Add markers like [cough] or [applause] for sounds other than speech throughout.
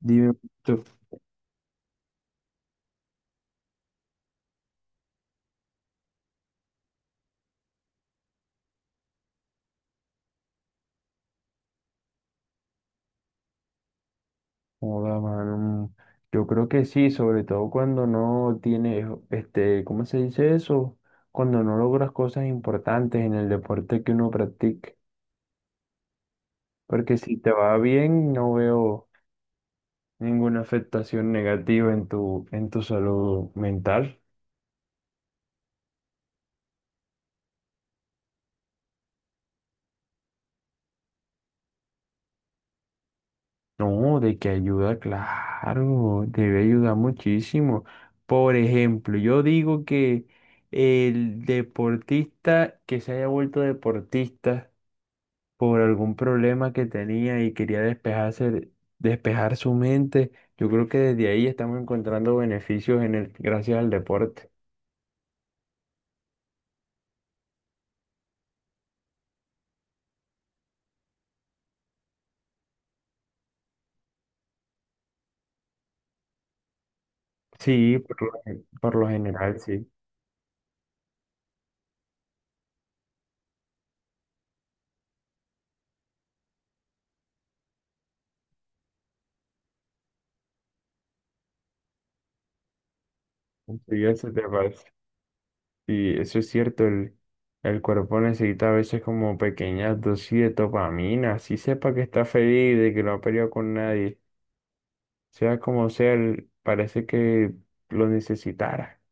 Dime, tú. Joda, mano. Yo creo que sí, sobre todo cuando no tienes, ¿cómo se dice eso? Cuando no logras cosas importantes en el deporte que uno practique. Porque si te va bien, no veo ninguna afectación negativa en tu salud mental. No, de que ayuda, claro, debe ayudar muchísimo. Por ejemplo, yo digo que el deportista que se haya vuelto deportista por algún problema que tenía y quería despejarse, despejar su mente. Yo creo que desde ahí estamos encontrando beneficios en el, gracias al deporte. Sí, por lo general, sí. Sí, eso te parece. Y eso es cierto, el cuerpo necesita a veces como pequeñas dosis de dopamina, así sepa que está feliz, de que no ha peleado con nadie, sea como sea, el- parece que lo necesitara.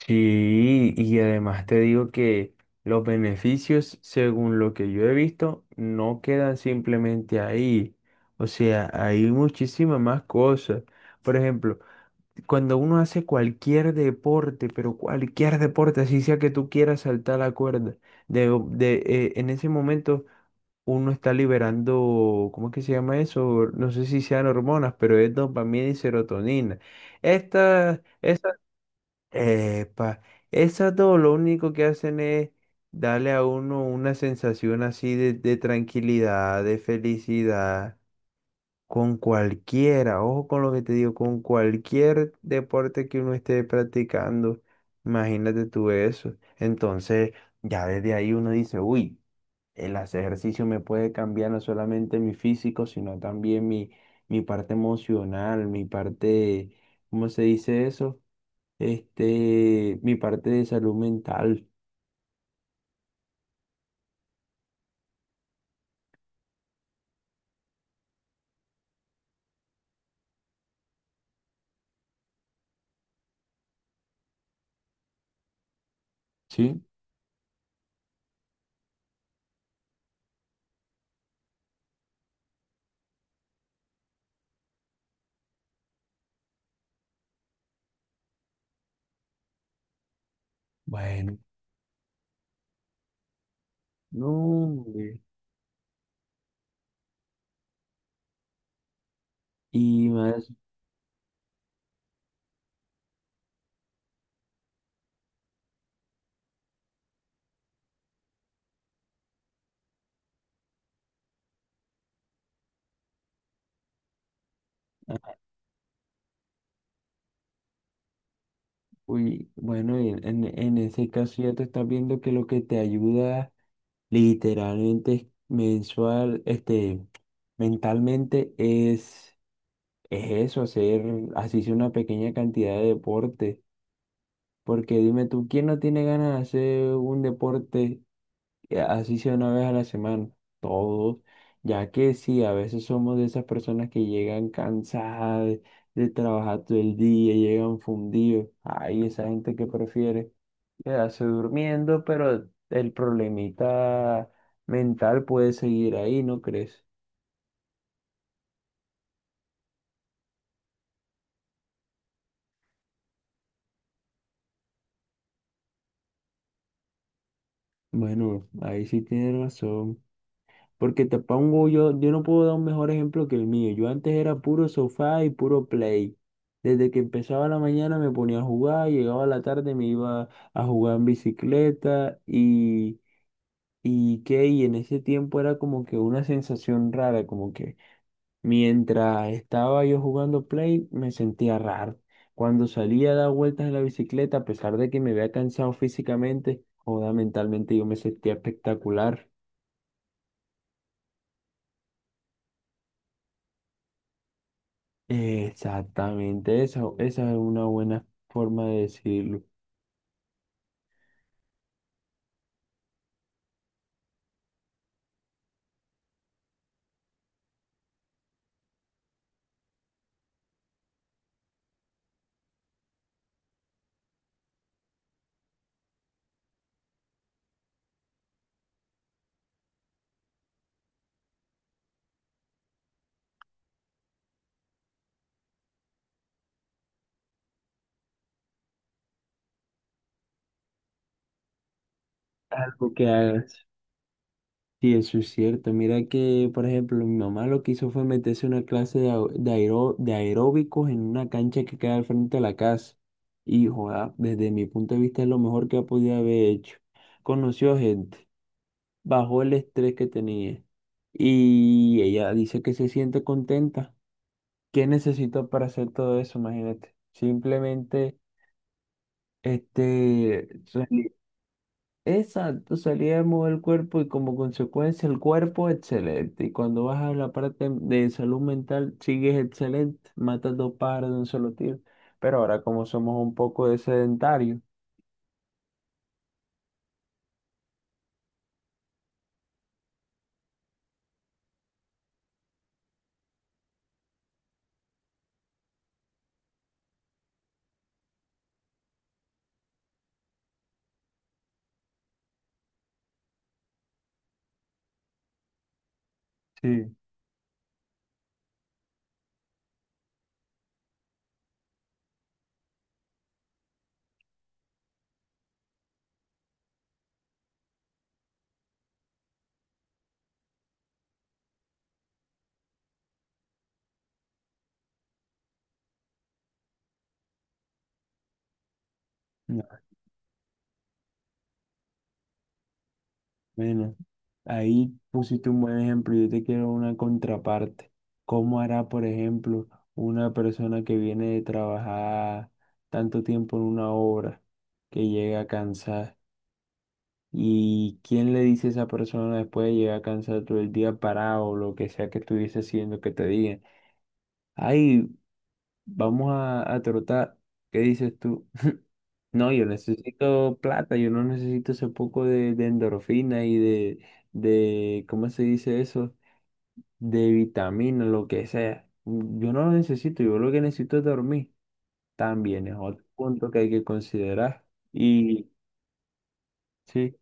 Sí, y además te digo que los beneficios, según lo que yo he visto, no quedan simplemente ahí. O sea, hay muchísimas más cosas. Por ejemplo, cuando uno hace cualquier deporte, pero cualquier deporte, así sea que tú quieras saltar la cuerda, en ese momento uno está liberando, ¿cómo es que se llama eso? No sé si sean hormonas, pero es dopamina y serotonina. Estas. Epa, esas dos lo único que hacen es darle a uno una sensación así de tranquilidad, de felicidad, con cualquiera, ojo con lo que te digo, con cualquier deporte que uno esté practicando, imagínate tú eso. Entonces, ya desde ahí uno dice, uy, el hacer ejercicio me puede cambiar no solamente mi físico, sino también mi parte emocional, mi parte, ¿cómo se dice eso? Mi parte de salud mental. ¿Sí? Bueno, no, hombre. Y más, ah, uy, bueno, en ese caso ya te estás viendo que lo que te ayuda literalmente es mensual, mentalmente es eso, hacer, así sea una pequeña cantidad de deporte. Porque dime tú, ¿quién no tiene ganas de hacer un deporte así sea una vez a la semana, todos, ya que sí, a veces somos de esas personas que llegan cansadas de trabajar todo el día, llegan fundidos. Hay esa gente que prefiere quedarse durmiendo, pero el problemita mental puede seguir ahí, ¿no crees? Bueno, ahí sí tienes razón. Porque te pongo yo, yo no puedo dar un mejor ejemplo que el mío. Yo antes era puro sofá y puro play. Desde que empezaba la mañana me ponía a jugar, llegaba a la tarde me iba a jugar en bicicleta y qué, y en ese tiempo era como que una sensación rara, como que mientras estaba yo jugando play me sentía raro. Cuando salía a dar vueltas en la bicicleta, a pesar de que me había cansado físicamente, joda, mentalmente yo me sentía espectacular. Exactamente, esa es una buena forma de decirlo. Algo que hagas. Sí, eso es cierto. Mira que, por ejemplo, mi mamá lo que hizo fue meterse a una clase de, de aeróbicos en una cancha que queda al frente de la casa. Y, joda, desde mi punto de vista es lo mejor que ha podido haber hecho. Conoció gente, bajó el estrés que tenía. Y ella dice que se siente contenta. ¿Qué necesitó para hacer todo eso? Imagínate. Simplemente. Este, sueli- exacto, salíamos del cuerpo y como consecuencia el cuerpo excelente. Y cuando vas a la parte de salud mental, sigues excelente, matas dos pájaros de un solo tiro. Pero ahora como somos un poco de sedentarios, sí, no, bueno, ahí pusiste un buen ejemplo. Yo te quiero una contraparte. ¿Cómo hará, por ejemplo, una persona que viene de trabajar tanto tiempo en una obra, que llega cansada? ¿Y quién le dice a esa persona después de llegar cansado todo el día parado o lo que sea que estuviese haciendo que te diga, ay, vamos a trotar? ¿Qué dices tú? [laughs] No, yo necesito plata, yo no necesito ese poco de endorfina y de, ¿cómo se dice eso? De vitamina, lo que sea. Yo no lo necesito, yo lo que necesito es dormir. También es otro punto que hay que considerar. Y sí.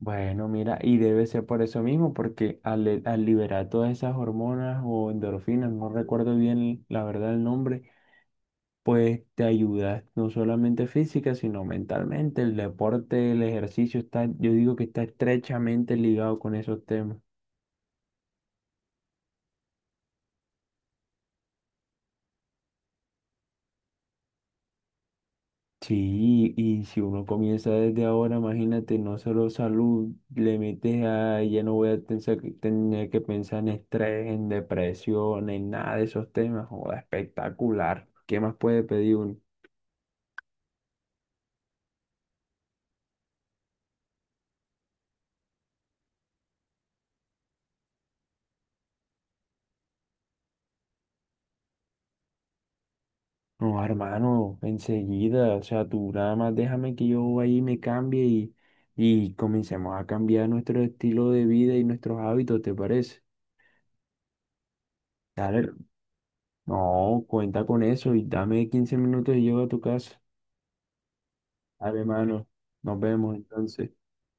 Bueno, mira, y debe ser por eso mismo, porque al liberar todas esas hormonas o endorfinas, no recuerdo bien la verdad el nombre, pues te ayuda no solamente física, sino mentalmente. El deporte, el ejercicio está, yo digo que está estrechamente ligado con esos temas. Sí, y si uno comienza desde ahora, imagínate, no solo salud, le metes a, ya no voy a pensar tener que pensar en estrés, en depresión, en nada de esos temas. Joda, espectacular. ¿Qué más puede pedir uno? No, hermano, enseguida, o sea, tú nada más déjame que yo ahí me cambie y comencemos a cambiar nuestro estilo de vida y nuestros hábitos, ¿te parece? Dale. No, cuenta con eso y dame 15 minutos y llego a tu casa. Dale, mano. Nos vemos entonces.